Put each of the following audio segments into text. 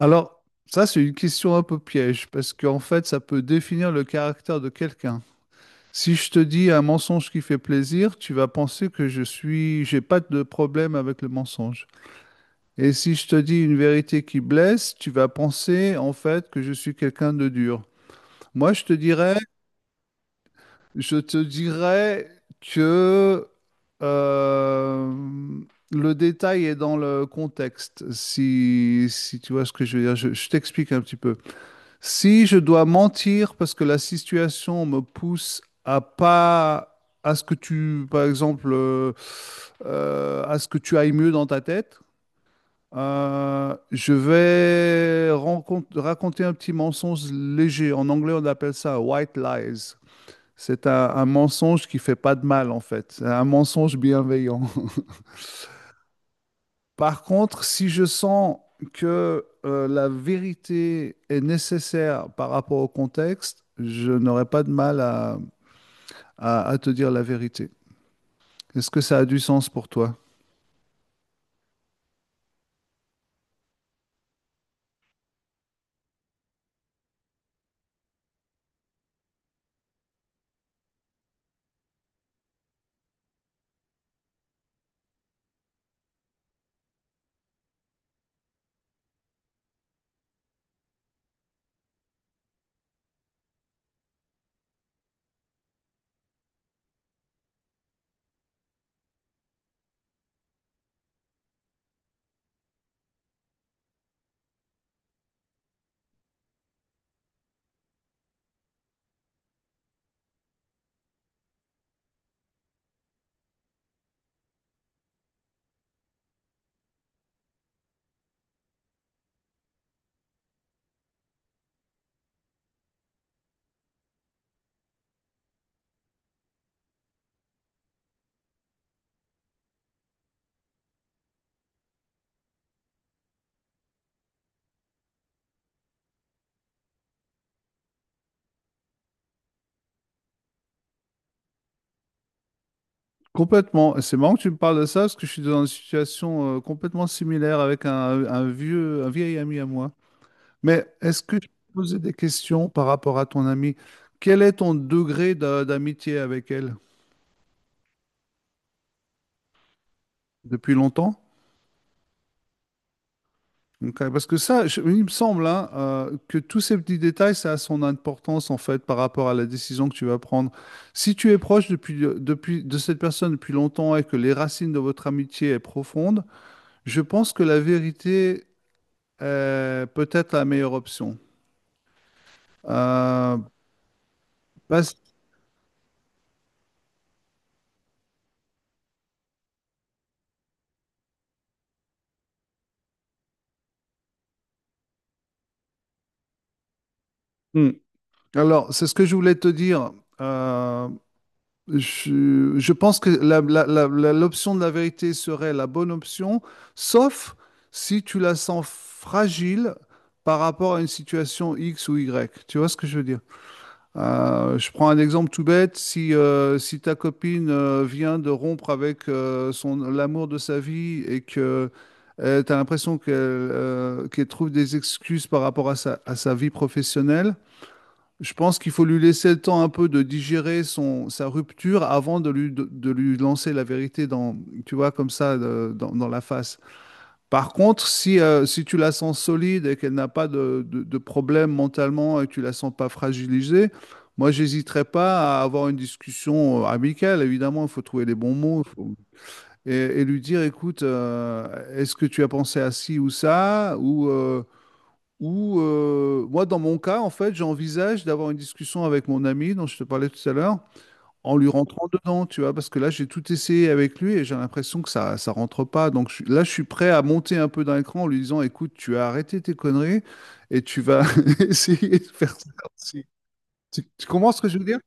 Alors, ça, c'est une question un peu piège, parce qu'en fait, ça peut définir le caractère de quelqu'un. Si je te dis un mensonge qui fait plaisir, tu vas penser que j'ai pas de problème avec le mensonge. Et si je te dis une vérité qui blesse, tu vas penser en fait que je suis quelqu'un de dur. Moi, je te dirais que euh, le détail est dans le contexte. Si tu vois ce que je veux dire, je t'explique un petit peu. Si je dois mentir parce que la situation me pousse à pas à ce que tu, par exemple, à ce que tu ailles mieux dans ta tête, je vais raconter un petit mensonge léger. En anglais, on appelle ça white lies. C'est un mensonge qui fait pas de mal en fait. C'est un mensonge bienveillant. Par contre, si je sens que la vérité est nécessaire par rapport au contexte, je n'aurai pas de mal à te dire la vérité. Est-ce que ça a du sens pour toi? Complètement. Et c'est marrant que tu me parles de ça parce que je suis dans une situation complètement similaire avec un vieil ami à moi. Mais est-ce que je peux poser des questions par rapport à ton ami? Quel est ton degré d'amitié avec elle? Depuis longtemps? Donc, parce que ça, il me semble hein, que tous ces petits détails, ça a son importance en fait par rapport à la décision que tu vas prendre. Si tu es proche de cette personne depuis longtemps et que les racines de votre amitié est profonde, je pense que la vérité est peut-être la meilleure option. Euh, parce- Hmm. Alors, c'est ce que je voulais te dire. Euh, je pense que l'option de la vérité serait la bonne option, sauf si tu la sens fragile par rapport à une situation X ou Y. Tu vois ce que je veux dire? Je prends un exemple tout bête. Si ta copine vient de rompre avec l'amour de sa vie et que tu as l'impression qu'elle trouve des excuses par rapport à à sa vie professionnelle, je pense qu'il faut lui laisser le temps un peu de digérer sa rupture avant de lui lancer la vérité dans, tu vois, comme ça, dans la face. Par contre, si tu la sens solide et qu'elle n'a pas de problème mentalement et que tu la sens pas fragilisée, moi, j'hésiterais pas à avoir une discussion amicale. Évidemment, il faut trouver les bons mots. Et lui dire, écoute, est-ce que tu as pensé à ci ou ça, ou moi, dans mon cas, en fait, j'envisage d'avoir une discussion avec mon ami dont je te parlais tout à l'heure, en lui rentrant dedans, tu vois, parce que là, j'ai tout essayé avec lui et j'ai l'impression que ça rentre pas. Donc là, je suis prêt à monter un peu d'un cran en lui disant, écoute, tu as arrêté tes conneries et tu vas essayer de faire ça aussi. Tu comprends ce que je veux dire?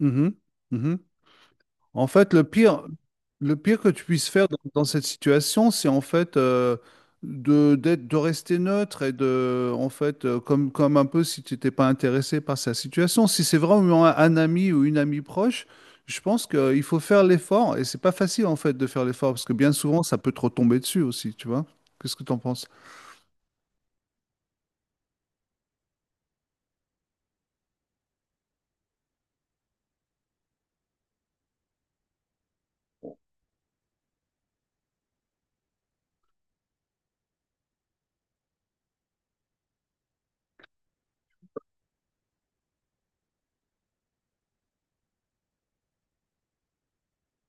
Mhm. Mhm. En fait, le pire que tu puisses faire dans cette situation, c'est en fait de rester neutre et en fait, comme un peu si tu n'étais pas intéressé par sa situation. Si c'est vraiment un ami ou une amie proche, je pense qu'il faut faire l'effort. Et c'est pas facile en fait de faire l'effort parce que bien souvent, ça peut te retomber dessus aussi, tu vois. Qu'est-ce que tu en penses?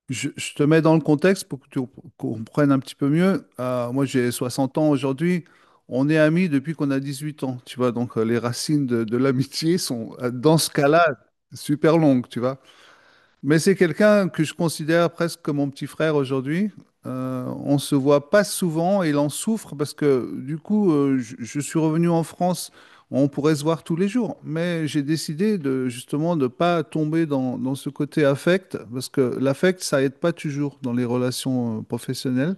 Je te mets dans le contexte pour que tu comprennes un petit peu mieux. Moi, j'ai 60 ans aujourd'hui. On est amis depuis qu'on a 18 ans, tu vois. Donc, les racines de l'amitié sont, dans ce cas-là, super longues, tu vois. Mais c'est quelqu'un que je considère presque comme mon petit frère aujourd'hui. On se voit pas souvent et il en souffre parce que du coup, je suis revenu en France. On pourrait se voir tous les jours, mais j'ai décidé de justement de pas tomber dans ce côté affect parce que l'affect ça aide pas toujours dans les relations professionnelles.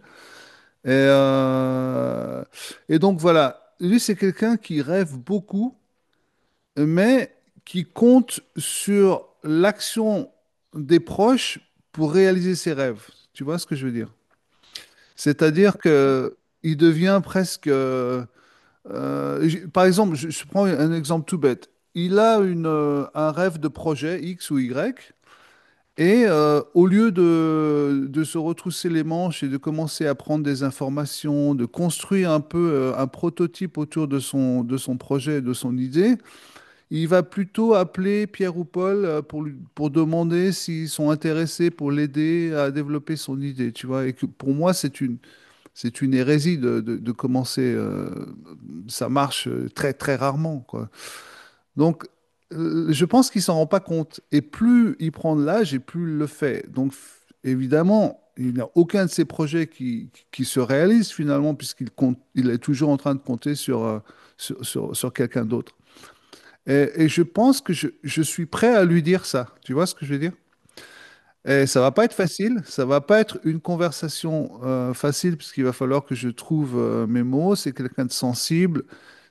Et, euh, et donc voilà, lui c'est quelqu'un qui rêve beaucoup mais qui compte sur l'action des proches pour réaliser ses rêves. Tu vois ce que je veux dire? C'est-à-dire que il devient presque. Par exemple, je prends un exemple tout bête. Il a un rêve de projet X ou Y, et au lieu de se retrousser les manches et de commencer à prendre des informations, de construire un peu un prototype autour de son projet, de son idée, il va plutôt appeler Pierre ou Paul pour demander s'ils sont intéressés pour l'aider à développer son idée, tu vois. Et que pour moi, c'est une hérésie de commencer. Ça marche très, très rarement, quoi. Donc, je pense qu'il s'en rend pas compte. Et plus il prend de l'âge, et plus il le fait. Donc, évidemment, il n'a aucun de ses projets qui se réalise finalement, il est toujours en train de compter sur quelqu'un d'autre. Et je pense que je suis prêt à lui dire ça. Tu vois ce que je veux dire? Et ça va pas être facile, ça va pas être une conversation facile puisqu'il va falloir que je trouve mes mots. C'est quelqu'un de sensible,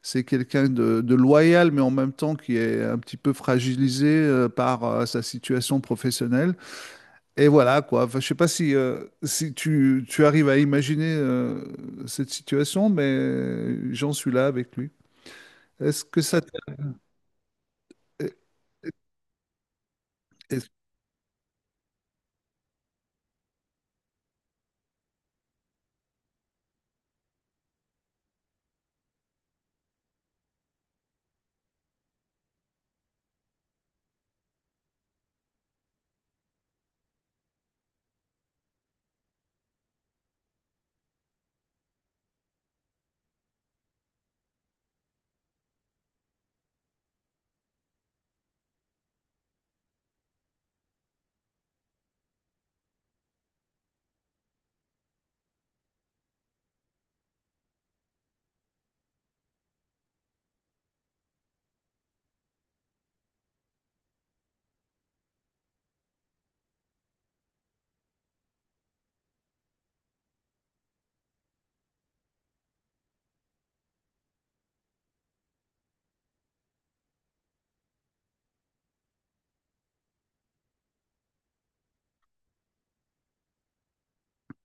c'est quelqu'un de loyal, mais en même temps qui est un petit peu fragilisé par sa situation professionnelle. Et voilà quoi. Enfin, je sais pas si tu arrives à imaginer cette situation, mais j'en suis là avec lui. Est-ce que ça t'aide?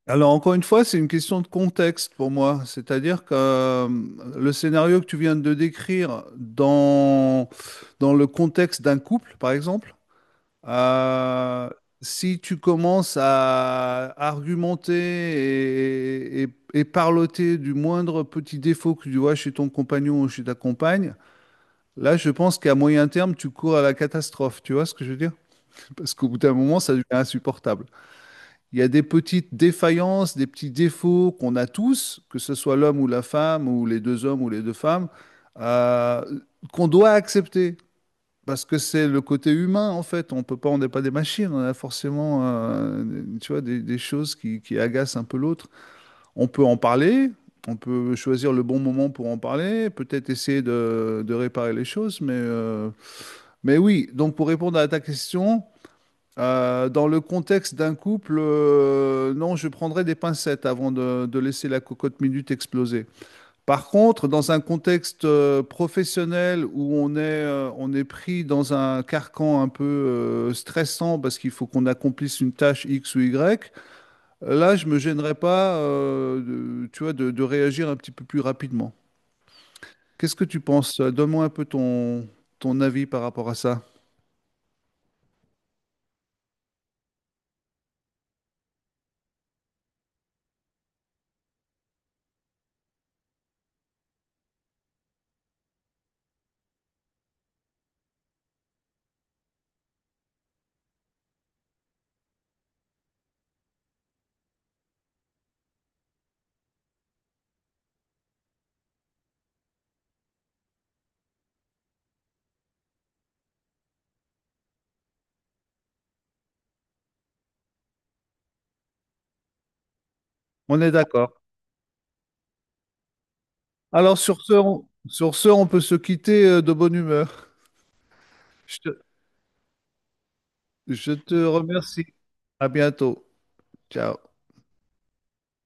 Alors, encore une fois, c'est une question de contexte pour moi. C'est-à-dire que le scénario que tu viens de décrire dans le contexte d'un couple, par exemple, euh, si tu commences à argumenter et parloter du moindre petit défaut que tu vois chez ton compagnon ou chez ta compagne, là, je pense qu'à moyen terme, tu cours à la catastrophe. Tu vois ce que je veux dire? Parce qu'au bout d'un moment, ça devient insupportable. Il y a des petites défaillances, des petits défauts qu'on a tous, que ce soit l'homme ou la femme, ou les deux hommes ou les deux femmes, euh, qu'on doit accepter. Parce que c'est le côté humain, en fait. On peut pas, on n'est pas des machines. On a forcément, tu vois, des choses qui agacent un peu l'autre. On peut en parler. On peut choisir le bon moment pour en parler, peut-être essayer de réparer les choses, mais oui. Donc, pour répondre à ta question, dans le contexte d'un couple, non, je prendrais des pincettes avant de laisser la cocotte minute exploser. Par contre, dans un contexte professionnel où on est pris dans un carcan un peu stressant parce qu'il faut qu'on accomplisse une tâche X ou Y, là, je me gênerais pas, tu vois, de réagir un petit peu plus rapidement. Qu'est-ce que tu penses? Donne-moi un peu ton avis par rapport à ça. On est d'accord. Alors sur ce, on peut se quitter de bonne humeur. Je te- je te remercie. À bientôt. Ciao.